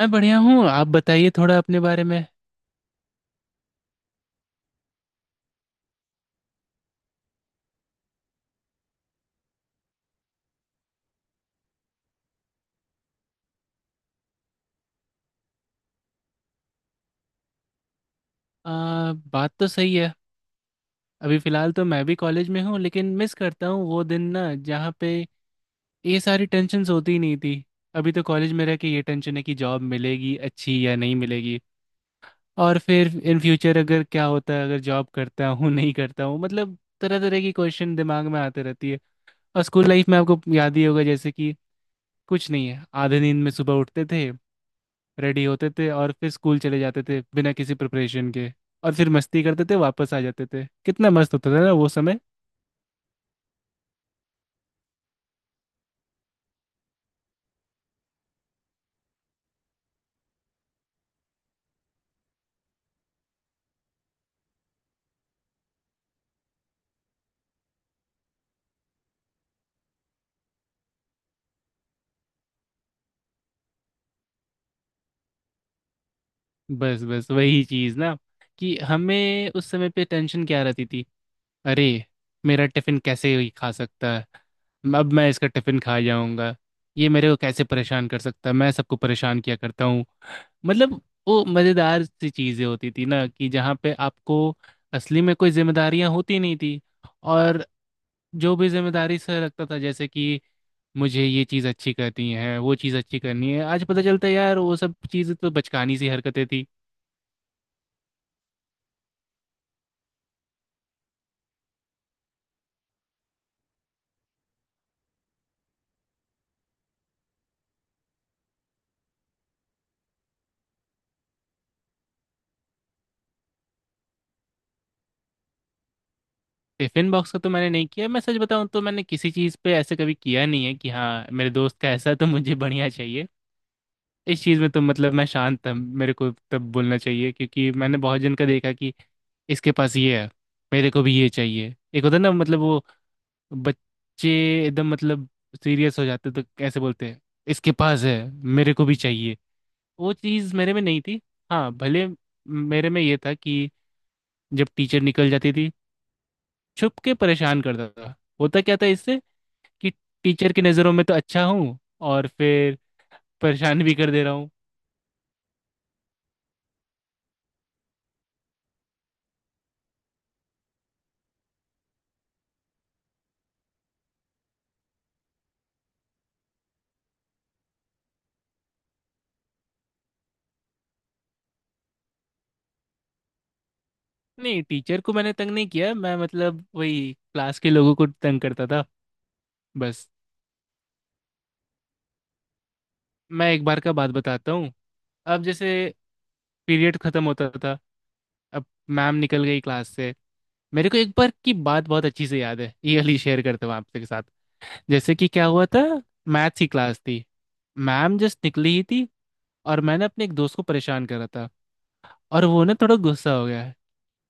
मैं बढ़िया हूँ। आप बताइए थोड़ा अपने बारे में। बात तो सही है। अभी फ़िलहाल तो मैं भी कॉलेज में हूँ, लेकिन मिस करता हूँ वो दिन ना जहाँ पे ये सारी टेंशन्स होती ही नहीं थी। अभी तो कॉलेज में रह के ये टेंशन है कि जॉब मिलेगी अच्छी या नहीं मिलेगी। और फिर इन फ्यूचर अगर क्या होता है, अगर जॉब करता हूँ नहीं करता हूँ, मतलब तरह तरह की क्वेश्चन दिमाग में आते रहती है। और स्कूल लाइफ में आपको याद ही होगा, जैसे कि कुछ नहीं है, आधे नींद में सुबह उठते थे, रेडी होते थे और फिर स्कूल चले जाते थे बिना किसी प्रिपरेशन के। और फिर मस्ती करते थे, वापस आ जाते थे। कितना मस्त होता था ना वो समय। बस बस वही चीज़ ना, कि हमें उस समय पे टेंशन क्या रहती थी। अरे, मेरा टिफिन कैसे ही खा सकता है। अब मैं इसका टिफिन खा जाऊंगा। ये मेरे को कैसे परेशान कर सकता है, मैं सबको परेशान किया करता हूँ। मतलब वो मजेदार सी चीजें होती थी ना, कि जहाँ पे आपको असली में कोई जिम्मेदारियां होती नहीं थी। और जो भी जिम्मेदारी से लगता था, जैसे कि मुझे ये चीज़ अच्छी करनी है, वो चीज़ अच्छी करनी है। आज पता चलता है यार वो सब चीज़ें तो बचकानी सी हरकतें थी। टिफिन बॉक्स का तो मैंने नहीं किया। मैं सच बताऊं तो मैंने किसी चीज़ पे ऐसे कभी किया नहीं है कि हाँ मेरे दोस्त का ऐसा है तो मुझे बढ़िया चाहिए। इस चीज़ में तो मतलब मैं शांत था, मेरे को तब बोलना चाहिए, क्योंकि मैंने बहुत जन का देखा कि इसके पास ये है, मेरे को भी ये चाहिए। एक होता है ना, मतलब वो बच्चे एकदम मतलब सीरियस हो जाते, तो कैसे बोलते हैं, इसके पास है, मेरे को भी चाहिए। वो चीज़ मेरे में नहीं थी। हाँ भले मेरे में ये था कि जब टीचर निकल जाती थी, छुप के परेशान करता था। होता क्या था इससे, कि टीचर की नज़रों में तो अच्छा हूँ, और फिर परेशान भी कर दे रहा हूँ। नहीं, टीचर को मैंने तंग नहीं किया, मैं मतलब वही क्लास के लोगों को तंग करता था बस। मैं एक बार का बात बताता हूँ। अब जैसे पीरियड ख़त्म होता था, अब मैम निकल गई क्लास से। मेरे को एक बार की बात बहुत अच्छी से याद है, ये अली शेयर करता हूँ आपके साथ। जैसे कि क्या हुआ था, मैथ्स की क्लास थी, मैम जस्ट निकली ही थी और मैंने अपने एक दोस्त को परेशान करा था। और वो ना थोड़ा गुस्सा हो गया है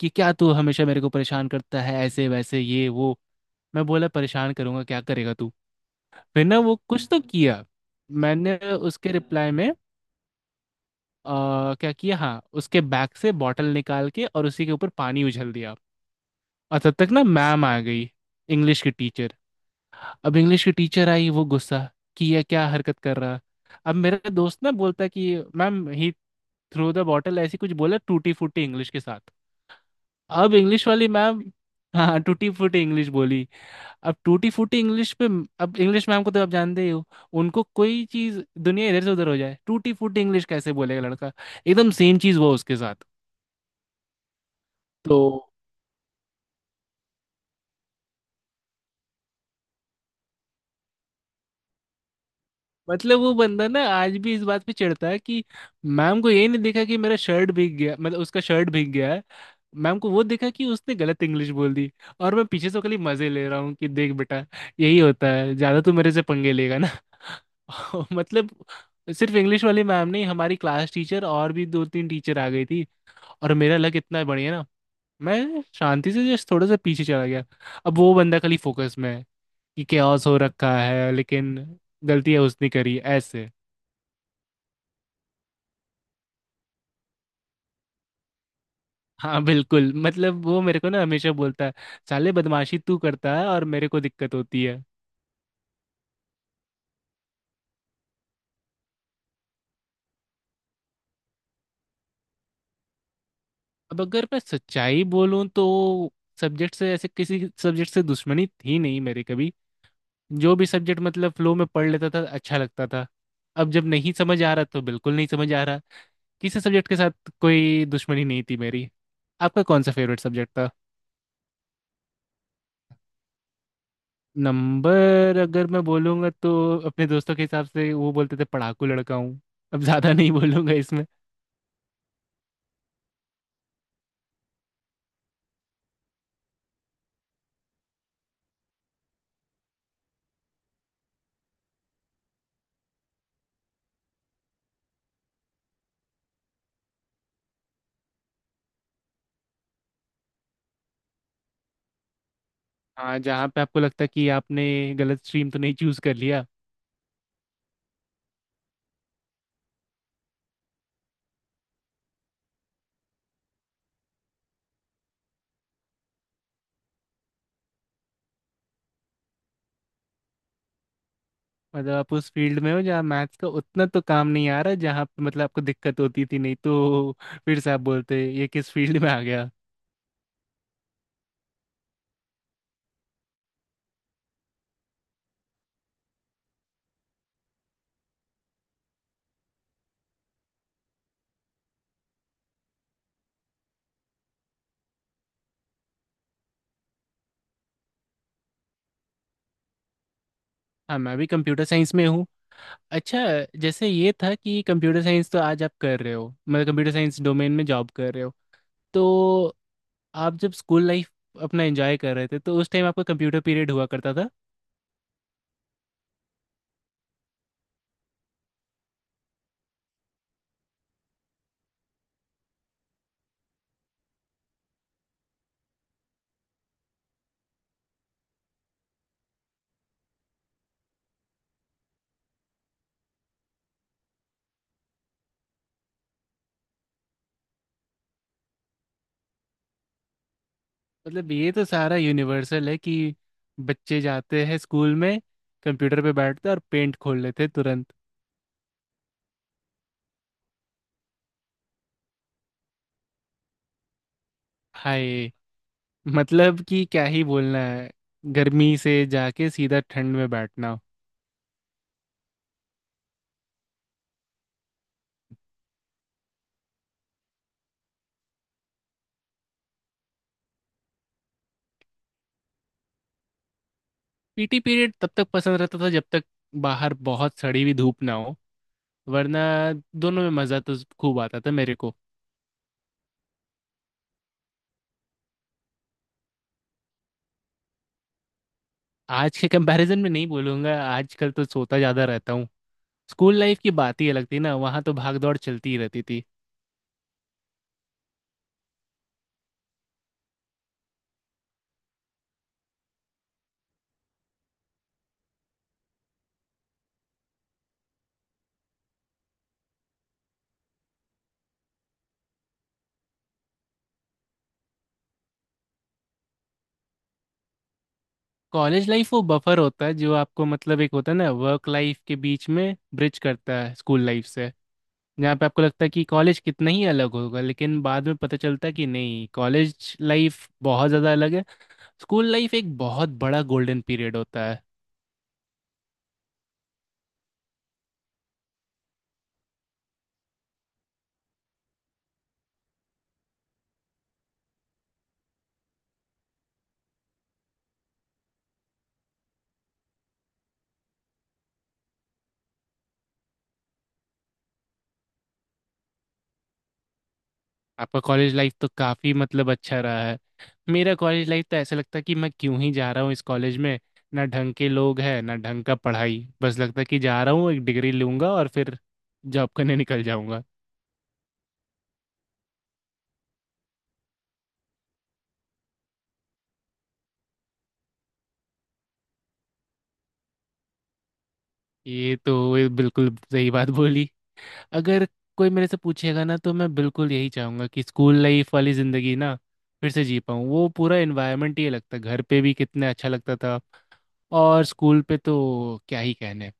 कि क्या तू हमेशा मेरे को परेशान करता है, ऐसे वैसे ये वो। मैं बोला, परेशान करूंगा, क्या करेगा तू। फिर ना वो कुछ तो किया, मैंने उसके रिप्लाई में क्या किया, हाँ, उसके बैग से बॉटल निकाल के और उसी के ऊपर पानी उछल दिया। और तब तक ना मैम आ गई, इंग्लिश की टीचर। अब इंग्लिश की टीचर आई, वो गुस्सा कि ये क्या हरकत कर रहा। अब मेरा दोस्त ना बोलता कि ma'am he threw the bottle, ऐसी कुछ बोला टूटी फूटी इंग्लिश के साथ। अब इंग्लिश वाली मैम। हाँ, टूटी फूटी इंग्लिश बोली। अब टूटी फूटी इंग्लिश पे, अब इंग्लिश मैम को तो आप जानते ही हो, उनको कोई चीज दुनिया इधर से उधर हो जाए, टूटी फूटी इंग्लिश कैसे बोलेगा लड़का। एकदम सेम चीज हुआ उसके साथ। तो मतलब वो बंदा ना आज भी इस बात पे चिढ़ता है कि मैम को ये नहीं दिखा कि मेरा शर्ट भीग गया, मतलब उसका शर्ट भीग गया है। मैम को वो दिखा कि उसने गलत इंग्लिश बोल दी। और मैं पीछे से खाली मजे ले रहा हूँ कि देख बेटा यही होता है, ज्यादा तू मेरे से पंगे लेगा। मतलब सिर्फ इंग्लिश वाली मैम नहीं, हमारी क्लास टीचर और भी दो तीन टीचर आ गई थी। और मेरा लक इतना बढ़िया ना, मैं शांति से जस्ट थोड़ा सा पीछे चला गया। अब वो बंदा खाली फोकस में है कि कैओस हो रखा है, लेकिन गलतियां उसने करी ऐसे। हाँ बिल्कुल, मतलब वो मेरे को ना हमेशा बोलता है, साले बदमाशी तू करता है और मेरे को दिक्कत होती है। अब अगर मैं सच्चाई बोलूं तो सब्जेक्ट से ऐसे किसी सब्जेक्ट से दुश्मनी थी नहीं मेरी कभी। जो भी सब्जेक्ट मतलब फ्लो में पढ़ लेता था, अच्छा लगता था। अब जब नहीं समझ आ रहा तो बिल्कुल नहीं समझ आ रहा। किसी सब्जेक्ट के साथ कोई दुश्मनी नहीं थी मेरी। आपका कौन सा फेवरेट सब्जेक्ट था? नंबर अगर मैं बोलूँगा तो अपने दोस्तों के हिसाब से वो बोलते थे पढ़ाकू लड़का हूँ। अब ज़्यादा नहीं बोलूँगा इसमें। हाँ, जहाँ पे आपको लगता है कि आपने गलत स्ट्रीम तो नहीं चूज़ कर लिया। मतलब आप उस फील्ड में हो जहाँ मैथ्स का उतना तो काम नहीं आ रहा, जहाँ पे मतलब आपको दिक्कत होती थी, नहीं तो फिर से आप बोलते ये किस फील्ड में आ गया। हाँ, मैं भी कंप्यूटर साइंस में हूँ। अच्छा, जैसे ये था कि कंप्यूटर साइंस तो आज आप कर रहे हो, मतलब कंप्यूटर साइंस डोमेन में जॉब कर रहे हो, तो आप जब स्कूल लाइफ अपना एंजॉय कर रहे थे तो उस टाइम आपका कंप्यूटर पीरियड हुआ करता था। मतलब ये तो सारा यूनिवर्सल है कि बच्चे जाते हैं स्कूल में, कंप्यूटर पे बैठते हैं और पेंट खोल लेते हैं तुरंत। हाय, मतलब कि क्या ही बोलना है, गर्मी से जाके सीधा ठंड में बैठना। पीटी पीरियड तब तक पसंद रहता था जब तक बाहर बहुत सड़ी हुई धूप ना हो, वरना दोनों में मज़ा तो खूब आता था मेरे को। आज के कंपैरिजन में नहीं बोलूँगा, आजकल तो सोता ज़्यादा रहता हूँ। स्कूल लाइफ की बात ही अलग थी ना, वहाँ तो भाग दौड़ चलती ही रहती थी। कॉलेज लाइफ वो बफर होता है जो आपको मतलब एक होता है ना वर्क लाइफ के बीच में ब्रिज करता है स्कूल लाइफ से। जहाँ पे आपको लगता है कि कॉलेज कितना ही अलग होगा, लेकिन बाद में पता चलता है कि नहीं, कॉलेज लाइफ बहुत ज़्यादा अलग है। स्कूल लाइफ एक बहुत बड़ा गोल्डन पीरियड होता है। आपका कॉलेज लाइफ तो काफी मतलब अच्छा रहा है। मेरा कॉलेज लाइफ तो ऐसा लगता है कि मैं क्यों ही जा रहा हूँ इस कॉलेज में, ना ढंग के लोग हैं ना ढंग का पढ़ाई, बस लगता है कि जा रहा हूँ, एक डिग्री लूंगा और फिर जॉब करने निकल जाऊंगा। ये तो ये बिल्कुल सही बात बोली। अगर कोई मेरे से पूछेगा ना तो मैं बिल्कुल यही चाहूंगा कि स्कूल लाइफ वाली जिंदगी ना फिर से जी पाऊँ। वो पूरा एनवायरनमेंट ही लगता, घर पे भी कितना अच्छा लगता था, और स्कूल पे तो क्या ही कहने।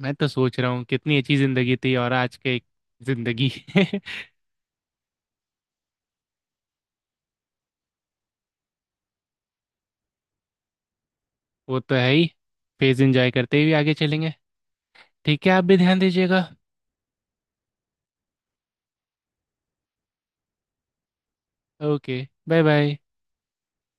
मैं तो सोच रहा हूँ कितनी अच्छी जिंदगी थी और आज के जिंदगी। वो तो है ही, फेज एंजॉय करते हुए आगे चलेंगे। ठीक है, आप भी ध्यान दीजिएगा। Okay, bye bye.